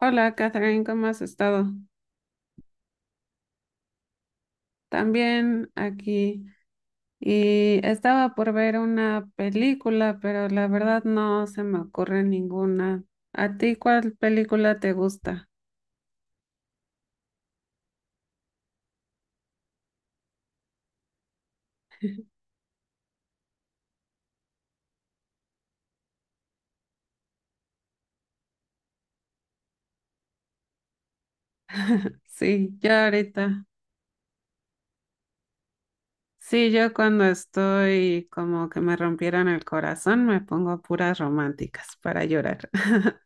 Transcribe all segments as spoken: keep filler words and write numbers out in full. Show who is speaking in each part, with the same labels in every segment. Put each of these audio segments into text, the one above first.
Speaker 1: Hola, Catherine, ¿cómo has estado? También aquí. Y estaba por ver una película, pero la verdad no se me ocurre ninguna. ¿A ti cuál película te gusta? Sí, yo ahorita. Sí, yo cuando estoy como que me rompieron el corazón, me pongo puras románticas para llorar.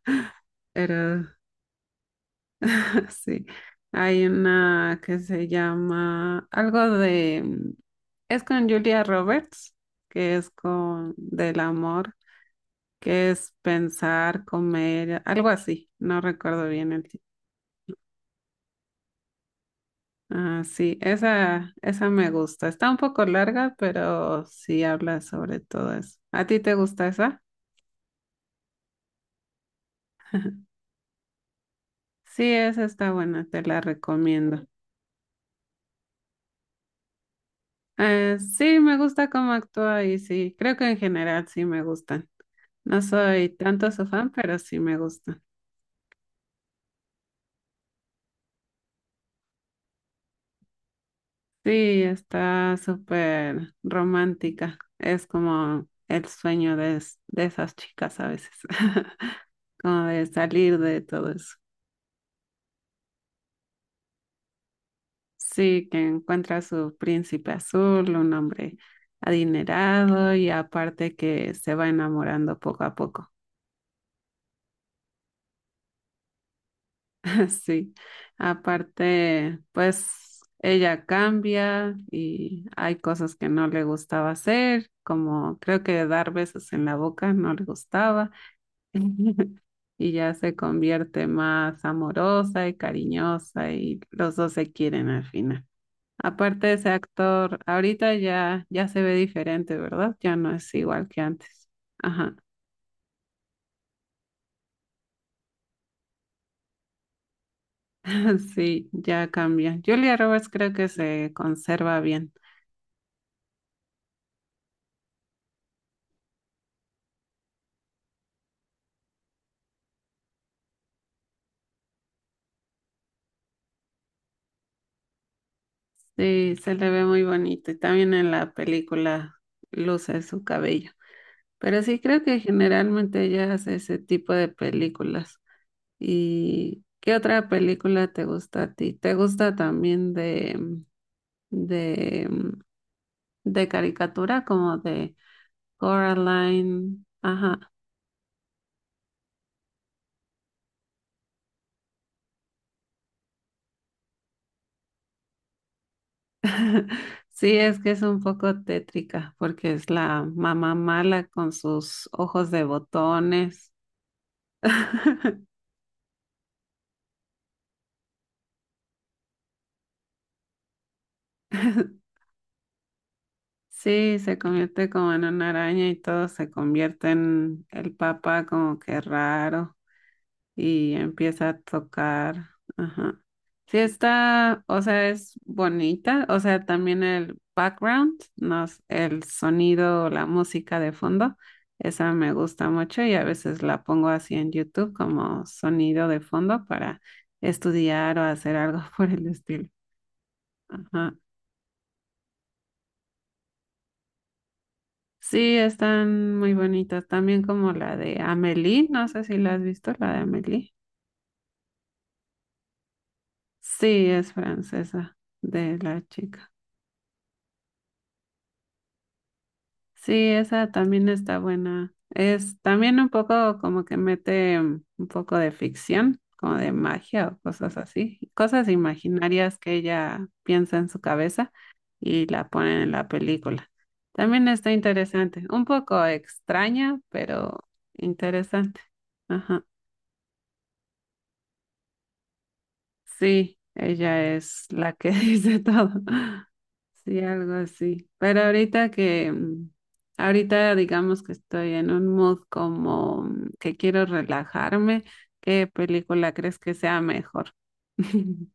Speaker 1: Pero sí, hay una que se llama algo de, mm, es con Julia Roberts, que es con del amor, que es pensar, comer, algo así, no recuerdo bien el título. Ah, sí, esa, esa me gusta. Está un poco larga, pero sí habla sobre todo eso. ¿A ti te gusta esa? Sí, esa está buena, te la recomiendo. Eh, sí, me gusta cómo actúa y sí, creo que en general sí me gusta. No soy tanto su fan, pero sí me gusta. Sí, está súper romántica. Es como el sueño de, es- de esas chicas a veces, como de salir de todo eso. Sí, que encuentra a su príncipe azul, un hombre adinerado y aparte que se va enamorando poco a poco. Sí, aparte, pues ella cambia y hay cosas que no le gustaba hacer, como creo que dar besos en la boca no le gustaba y ya se convierte más amorosa y cariñosa y los dos se quieren al final. Aparte ese actor, ahorita ya ya se ve diferente, ¿verdad? Ya no es igual que antes. Ajá, sí, ya cambia. Julia Roberts creo que se conserva bien. Sí, se le ve muy bonito y también en la película luce su cabello. Pero sí creo que generalmente ella hace ese tipo de películas. ¿Y qué otra película te gusta a ti? ¿Te gusta también de de de caricatura como de Coraline? Ajá. Sí, es que es un poco tétrica porque es la mamá mala con sus ojos de botones. Sí, se convierte como en una araña y todo se convierte en el papá como que raro y empieza a tocar. Ajá. Sí está, o sea, es bonita, o sea, también el background, no, s- el sonido, la música de fondo, esa me gusta mucho y a veces la pongo así en YouTube como sonido de fondo para estudiar o hacer algo por el estilo. Ajá. Sí, están muy bonitas. También como la de Amélie, no sé si la has visto, la de Amélie. Sí, es francesa de la chica. Sí, esa también está buena. Es también un poco como que mete mm, un poco de ficción, como de magia o cosas así, cosas imaginarias que ella piensa en su cabeza y la ponen en la película. También está interesante, un poco extraña, pero interesante. Ajá. Sí, ella es la que dice todo. Sí, algo así. Pero ahorita que, mm, ahorita digamos que estoy en un mood como mm, que quiero relajarme, ¿qué película crees que sea mejor?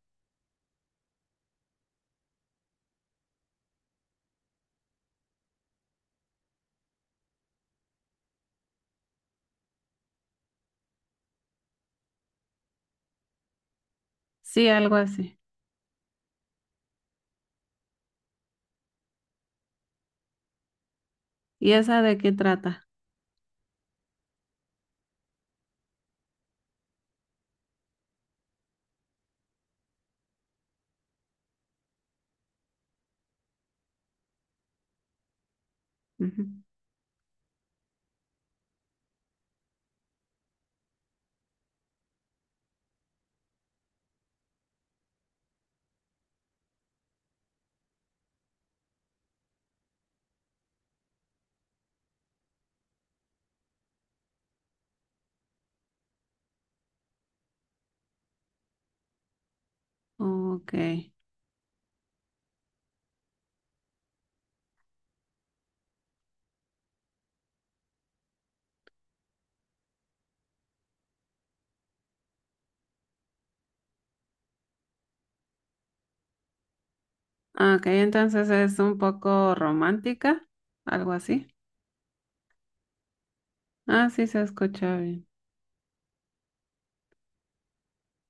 Speaker 1: Sí, algo así. ¿Y esa de qué trata? Ujú. Ok. Ah, ok, entonces es un poco romántica, algo así. Ah, sí, se escucha bien.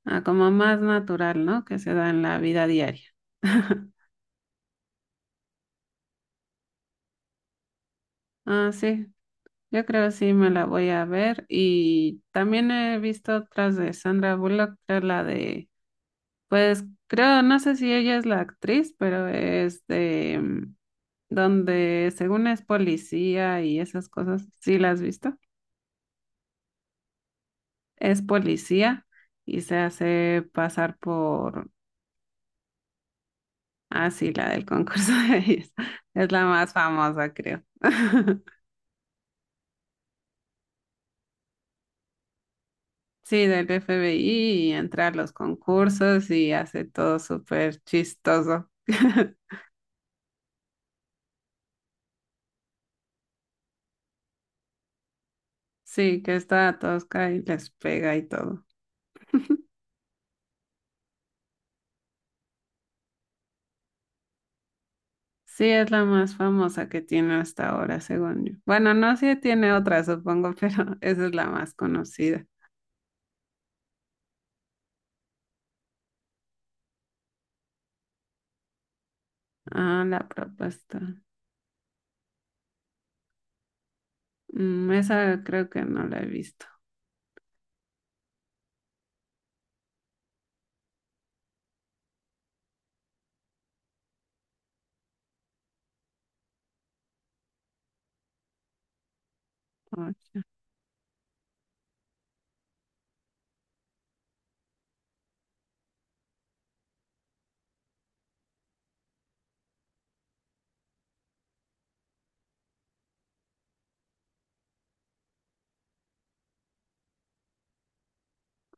Speaker 1: Ah, como más natural, ¿no? Que se da en la vida diaria. Ah, sí, yo creo sí me la voy a ver. Y también he visto otras de Sandra Bullock, creo la de, pues creo, no sé si ella es la actriz, pero es de mm, donde según es policía y esas cosas, sí la has visto, es policía y se hace pasar por, ah, sí, la del concurso de belleza. Es la más famosa, creo. Sí, del F B I y entra a los concursos y hace todo súper chistoso. Sí, que está tosca y les pega y todo. Sí, es la más famosa que tiene hasta ahora, según yo. Bueno, no sé si tiene otra, supongo, pero esa es la más conocida. Ah, la propuesta. Mm, esa creo que no la he visto. Oye,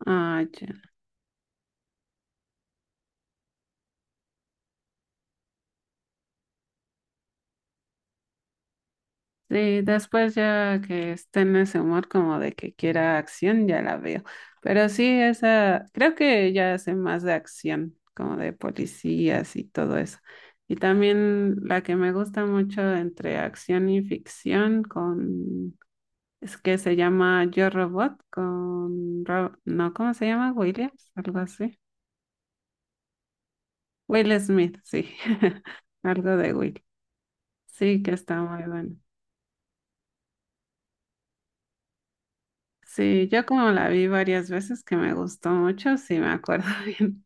Speaker 1: ah, ya. Sí, después ya que esté en ese humor como de que quiera acción, ya la veo. Pero sí, esa, creo que ya hace más de acción, como de policías y todo eso. Y también la que me gusta mucho entre acción y ficción, con, es que se llama Yo Robot, con, Ro- no, ¿cómo se llama? Williams, algo así. Will Smith, sí, algo de Will. Sí, que está muy bueno. Sí, yo como la vi varias veces que me gustó mucho, sí me acuerdo bien,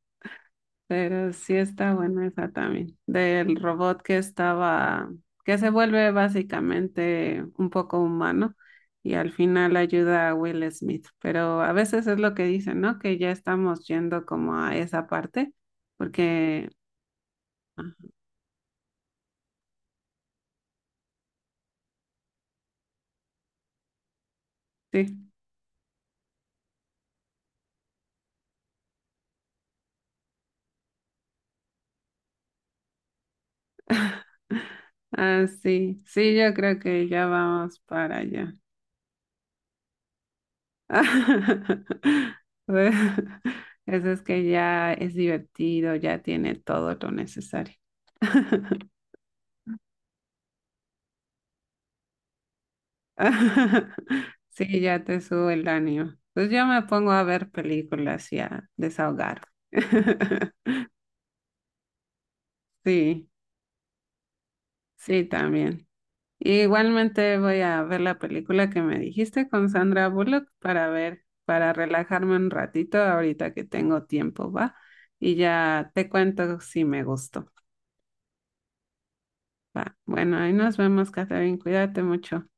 Speaker 1: pero sí está buena esa también, del robot que estaba, que se vuelve básicamente un poco humano y al final ayuda a Will Smith, pero a veces es lo que dicen, ¿no? Que ya estamos yendo como a esa parte, porque ah, sí, ah, sí, sí, yo creo que ya vamos para allá. Bueno, eso es que ya es divertido, ya tiene todo lo necesario. Sí, ya te sube el ánimo. Pues yo me pongo a ver películas y a desahogar. Sí, sí, también. Igualmente voy a ver la película que me dijiste con Sandra Bullock para ver, para relajarme un ratito ahorita que tengo tiempo, ¿va? Y ya te cuento si me gustó. Va, bueno, ahí nos vemos, Catherine. Cuídate mucho.